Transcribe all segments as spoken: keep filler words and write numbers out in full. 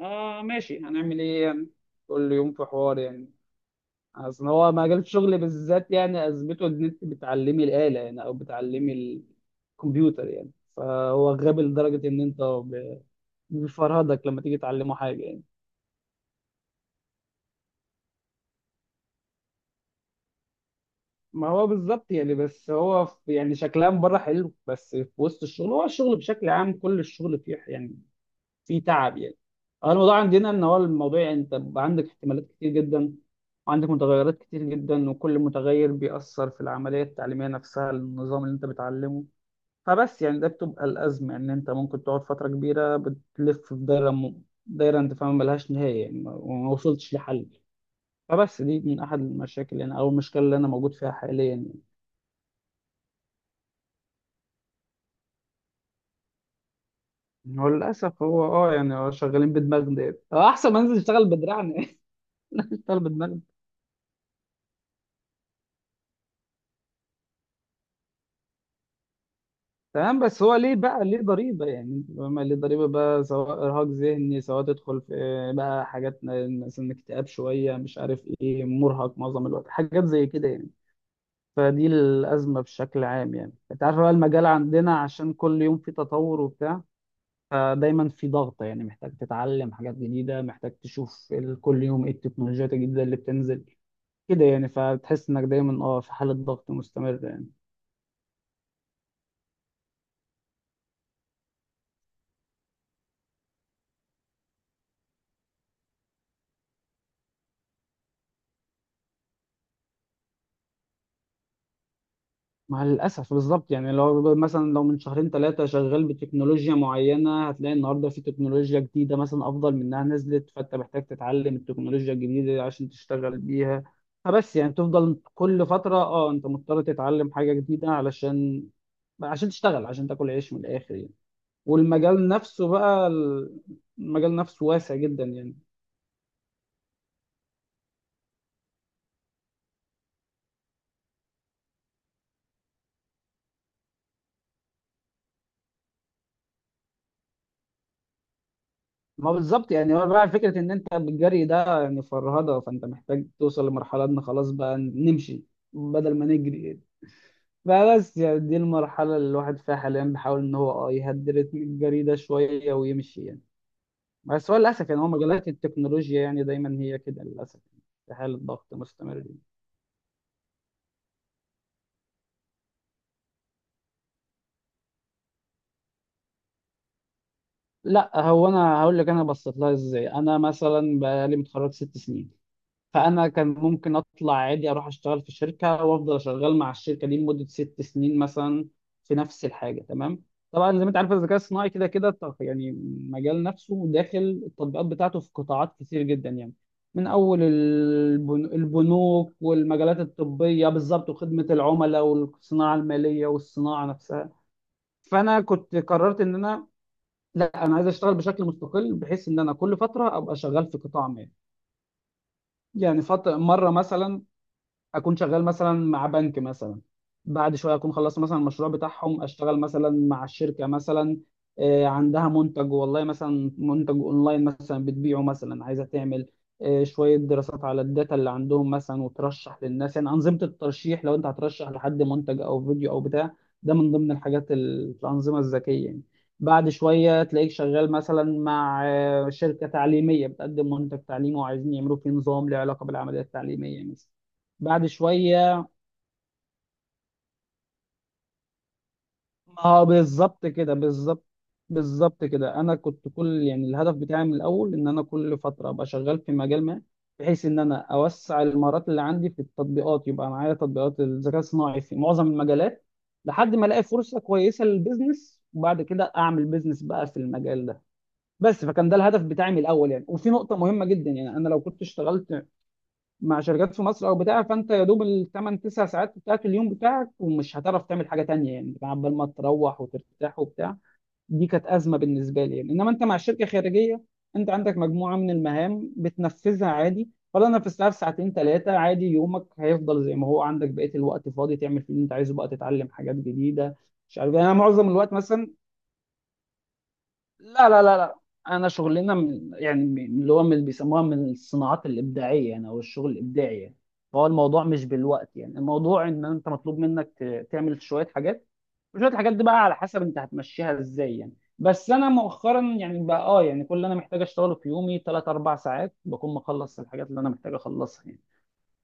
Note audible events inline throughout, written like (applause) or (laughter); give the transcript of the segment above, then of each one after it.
آه، ماشي، هنعمل ايه يعني. كل يوم في حوار يعني. اصل هو مجال الشغل بالذات يعني ازمته ان انت بتعلمي الآلة يعني او بتعلمي الكمبيوتر يعني، فهو غبي لدرجة ان انت ب- بيفرهدك لما تيجي تعلمه حاجة يعني. ما هو بالظبط يعني، بس هو في- يعني شكلها من بره حلو، بس في وسط الشغل هو الشغل بشكل عام كل الشغل فيه يعني في تعب يعني. هو الموضوع عندنا ان هو الموضوع انت بيبقى عندك احتمالات كتير جدا وعندك متغيرات كتير جدا، وكل متغير بيأثر في العملية التعليمية نفسها النظام اللي انت بتعلمه. فبس يعني ده بتبقى الأزمة ان انت ممكن تقعد فترة كبيرة بتلف في دايرة م... دايرة انت فاهم ملهاش نهاية يعني ما- وما وصلتش لحل. فبس دي من أحد المشاكل يعني أو المشكلة اللي أنا موجود فيها حاليا يعني. هو للأسف هو اه يعني هو شغالين بدماغنا يعني، هو أحسن ما أنزل أشتغل بدراعنا. (laughs) أشتغل بدماغنا. تمام، بس هو ليه بقى، ليه ضريبة يعني انت فاهم، ليه ضريبة بقى سواء إرهاق ذهني سواء تدخل في آه، بقى حاجات مثلا اكتئاب شوية، مش عارف ايه، مرهق معظم الوقت، حاجات زي كده يعني. فدي الأزمة بشكل عام يعني، انت عارف بقى المجال عندنا عشان كل يوم في تطور وبتاع، فدايما في ضغط يعني، محتاج تتعلم حاجات جديدة، محتاج تشوف ال- كل يوم ايه التكنولوجيات الجديدة اللي بتنزل كده يعني، فتحس انك دايما اه في حالة ضغط مستمرة يعني. مع الأسف بالظبط يعني، لو مثلا لو من شهرين ثلاثة شغال بتكنولوجيا معينة هتلاقي النهاردة في تكنولوجيا جديدة مثلا أفضل منها نزلت، فأنت محتاج تتعلم التكنولوجيا الجديدة عشان تشتغل بيها. فبس يعني تفضل كل فترة اه أنت مضطر تتعلم حاجة جديدة علشان عشان تشتغل، عشان تاكل عيش من الآخر يعني. والمجال نفسه بقى، المجال نفسه واسع جدا يعني. ما بالظبط يعني، هو بقى فكرة إن أنت بالجري ده يعني فرهدة، فأنت محتاج توصل لمرحلة إن خلاص بقى نمشي بدل ما نجري. فبس يعني دي المرحلة اللي الواحد فيها حاليا بيحاول إن هو أه يهدي رتم الجري ده شوية ويمشي يعني. بس هو للأسف يعني هو مجالات التكنولوجيا يعني دايما هي كده للأسف في حالة ضغط مستمر. لا، هو أنا هقول لك، أنا بصيت لها إزاي. أنا مثلا بقالي متخرج ست سنين، فانا كان ممكن اطلع عادي اروح اشتغل في شركه وافضل شغال مع الشركه دي لمده ست سنين مثلا في نفس الحاجه. تمام، طبعا زي ما انت عارف الذكاء الصناعي كده كده ط- يعني مجال نفسه داخل التطبيقات بتاعته في قطاعات كتير جدا يعني، من اول البن- البنوك والمجالات الطبيه بالظبط وخدمه العملاء والصناعه الماليه والصناعه نفسها. فانا كنت قررت ان انا، لا انا عايز اشتغل بشكل مستقل بحيث ان انا كل فتره ابقى شغال في قطاع ما يعني. فتره مره مثلا اكون شغال مثلا مع بنك مثلا، بعد شويه اكون خلصت مثلا المشروع بتاعهم اشتغل مثلا مع الشركه مثلا آه، عندها منتج والله مثلا منتج اونلاين مثلا بتبيعه مثلا، عايزه تعمل آه، شويه دراسات على الداتا اللي عندهم مثلا، وترشح للناس يعني انظمه الترشيح، لو انت هترشح لحد منتج او فيديو او بتاع، ده من ضمن الحاجات ال- الانظمه الذكيه يعني. بعد شويه تلاقيك شغال مثلا مع آه، شركه تعليميه بتقدم منتج تعليمي وعايزين يعملوا فيه نظام له علاقه بالعمليه التعليميه مثلا. بعد شويه، ما هو بالظبط كده، بالظبط بالظبط كده. انا كنت كل يعني الهدف بتاعي من الاول ان انا كل فتره ابقى شغال في مجال ما، بحيث ان انا اوسع المهارات اللي عندي في التطبيقات، يبقى معايا تطبيقات الذكاء الصناعي في معظم المجالات لحد ما الاقي فرصه كويسه للبيزنس، وبعد كده اعمل بيزنس بقى في المجال ده. بس فكان ده الهدف بتاعي من الاول يعني. وفي نقطه مهمه جدا يعني، انا لو كنت اشتغلت مع شركات في مصر او بتاع، فانت يا دوب الثمان تسع ساعات بتاعت اليوم بتاعك، ومش هتعرف تعمل حاجه تانية يعني عبال ما تروح وترتاح وبتاع. دي كانت ازمه بالنسبه لي يعني. انما انت مع الشركه خارجيه، انت عندك مجموعه من المهام بتنفذها عادي، ولا انا في الساعه ساعتين ثلاثه عادي، يومك هيفضل زي ما هو عندك بقيه الوقت فاضي تعمل فيه اللي انت عايزه بقى، تتعلم حاجات جديده، مش عارف يعني. انا معظم الوقت مثلا، لا لا لا لا، انا شغلنا من يعني من- اللي هو من بيسموها من الصناعات الابداعيه يعني او الشغل الابداعي يعني، فهو الموضوع مش بالوقت يعني. الموضوع ان انت مطلوب منك ت- تعمل شويه حاجات، وشويه الحاجات دي بقى على حسب انت هتمشيها ازاي يعني. بس انا مؤخرا يعني بقى اه يعني كل اللي انا محتاج اشتغله في يومي تلات أربع ساعات بكون مخلص الحاجات اللي انا محتاج اخلصها يعني،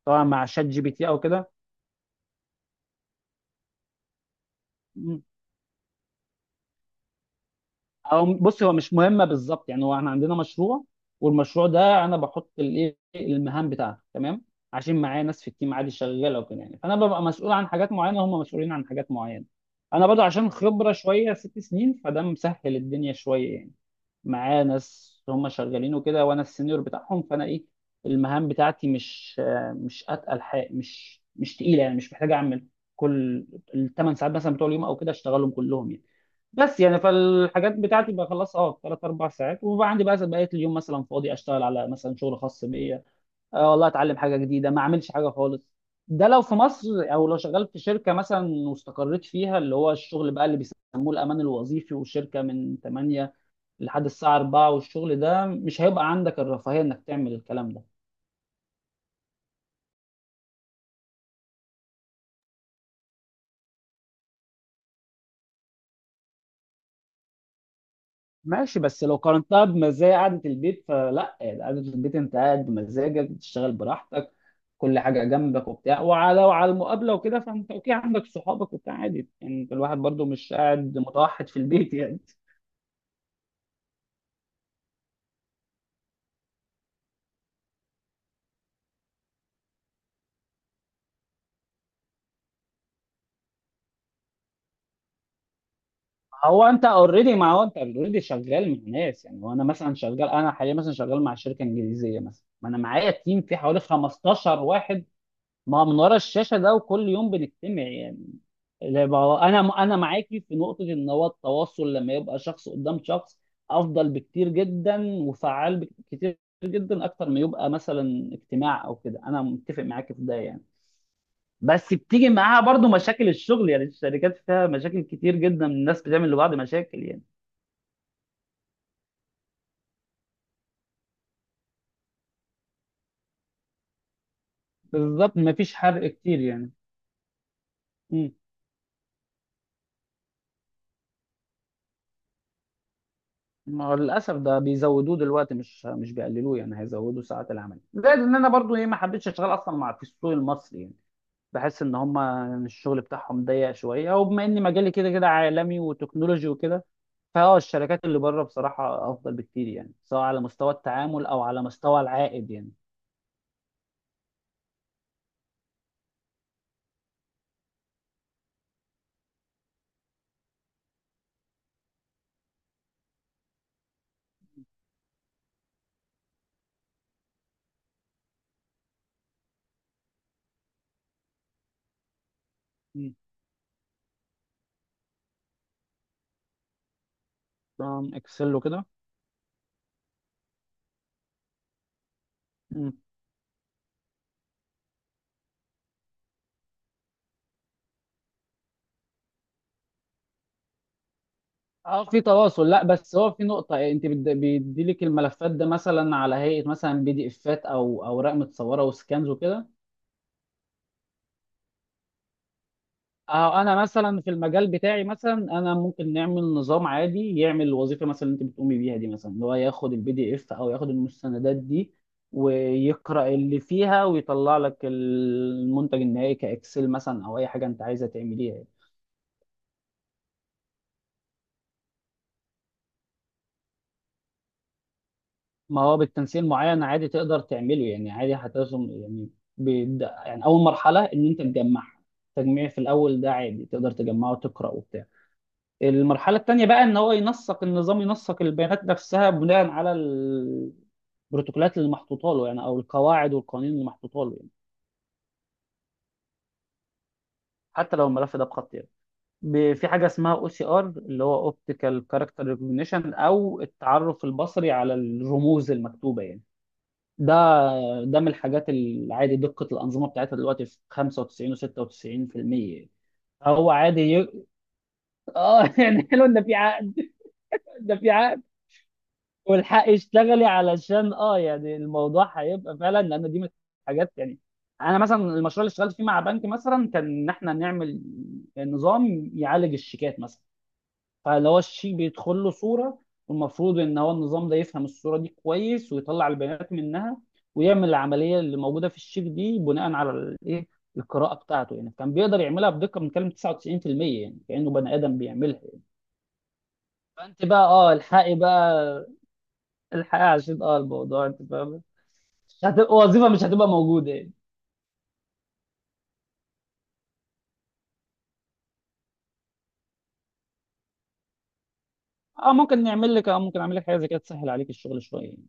طبعا مع شات جي بي تي او كده. او بص هو مش مهمه بالظبط يعني، هو احنا عندنا مشروع، والمشروع ده انا بحط الايه المهام بتاعته. تمام، عشان معايا ناس في التيم عادي شغاله وكده يعني، فانا ببقى مسؤول عن حاجات معينه، هم مسؤولين عن حاجات معينه. انا برضه عشان خبره شويه ست سنين فده مسهل الدنيا شويه يعني، معايا ناس هم شغالين وكده وانا السينيور بتاعهم، فانا ايه المهام بتاعتي مش آه، مش اتقل حاجه، مش مش تقيله يعني، مش محتاج اعمل كل الثمان ساعات مثلا بتوع اليوم او كده اشتغلهم كلهم يعني. بس يعني فالحاجات بتاعتي بخلصها اه في ثلاث اربع ساعات، وبقى عندي بقى بقيه اليوم مثلا فاضي اشتغل على مثلا شغل خاص بيا، آه والله اتعلم حاجه جديده، ما اعملش حاجه خالص. ده لو في مصر او لو شغال في شركه مثلا واستقريت فيها، اللي هو الشغل بقى اللي بيسموه الامان الوظيفي، والشركه من تمانية لحد الساعه أربعة، والشغل ده مش هيبقى عندك الرفاهيه انك تعمل الكلام ده. ماشي، بس لو قارنتها بمزايا قعدة البيت فلا يعني، قعدة البيت انت قاعد بمزاجك، بتشتغل براحتك، كل حاجة جنبك وبتاع، وعلى وعلى المقابلة وكده، فانت اوكي عندك صحابك وبتاع عادي يعني، الواحد برضو مش قاعد متوحد في البيت يعني. هو انت اوريدي، ما هو انت اوريدي شغال مع ناس يعني، وانا مثلا شغال، انا حاليا مثلا شغال مع شركة انجليزية مثلا، ما انا معايا تيم فيه حوالي خمستاشر واحد. ما من ورا الشاشه ده وكل يوم بنجتمع يعني. اللي بقى- انا انا معاكي في نقطه ان هو التواصل لما يبقى شخص قدام شخص افضل بكتير جدا وفعال بكتير جدا اكتر ما يبقى مثلا اجتماع او كده، انا متفق معاكي في ده يعني. بس بتيجي معاها برضو مشاكل الشغل يعني، الشركات فيها مشاكل كتير جدا، الناس بتعمل لبعض مشاكل يعني. بالظبط مفيش حرق كتير يعني. ما هو للاسف ده بيزودوه دلوقتي مش مش بيقللوه يعني، هيزودوا ساعات العمل. زائد ان انا برضو ايه ما حبيتش اشتغل اصلا مع في السوق المصري يعني، بحس ان هم الشغل بتاعهم ضيق شويه، وبما ان مجالي كده كده عالمي وتكنولوجي وكده، فهو الشركات اللي بره بصراحه افضل بكتير يعني، سواء على مستوى التعامل او على مستوى العائد يعني. مم. نظام اكسل وكده. مم. اه في تواصل. لا بس هو في نقطة إيه، انت بد- بيديلك الملفات ده مثلا على هيئة مثلا بي دي افات او اوراق متصورة وسكانز وكده. اه انا مثلا في المجال بتاعي مثلا انا ممكن نعمل نظام عادي يعمل الوظيفه مثلا اللي انت بتقومي بيها دي مثلا، اللي هو ياخد البي دي اف او ياخد المستندات دي ويقرا اللي فيها ويطلع لك المنتج النهائي كاكسل مثلا او اي حاجه انت عايزه تعمليها يعني. ما هو بالتنسيق معين عادي تقدر تعمله يعني، عادي هترسم يعني. بيبدا يعني اول مرحله ان انت تجمعها، تجميع في الاول ده عادي تقدر تجمعه وتقرا وبتاع. المرحلة التانية بقى ان هو ينسق النظام، ينسق البيانات نفسها بناء على البروتوكولات اللي محطوطة له يعني، او القواعد والقوانين اللي محطوطة له يعني، حتى لو الملف ده بخط يعني، ب- في حاجة اسمها او سي ار، اللي هو اوبتيكال كاركتر ريكوجنيشن، او التعرف البصري على الرموز المكتوبة يعني. ده ده من الحاجات العادي، دقة الأنظمة بتاعتها دلوقتي في خمسة وتسعين و96% يعني. هو عادي ي... اه. (laughs) يعني حلو ان في عقد، ده في عقد، والحقي اشتغلي علشان اه يعني الموضوع هيبقى فعلا، لان دي من الحاجات يعني. انا مثلا المشروع اللي اشتغلت فيه مع بنك مثلا كان ان احنا نعمل نظام يعالج الشيكات مثلا، فاللي هو الشيك بيدخل له صوره، والمفروض ان هو النظام ده يفهم الصوره دي كويس ويطلع البيانات منها ويعمل العمليه اللي موجوده في الشيك دي بناء على الايه القراءه بتاعته يعني، كان بيقدر يعملها بدقه بنتكلم تسعه وتسعين في المية يعني، كانه بني ادم بيعملها. فانت بقى اه الحقي بقى الحقيقة عشان اه الموضوع انت فاهم، هتبقى وظيفه مش هتبقى موجوده يعني. اه ممكن نعمل لك، اه ممكن اعمل لك حاجه زي كده تسهل عليك الشغل شويه يعني.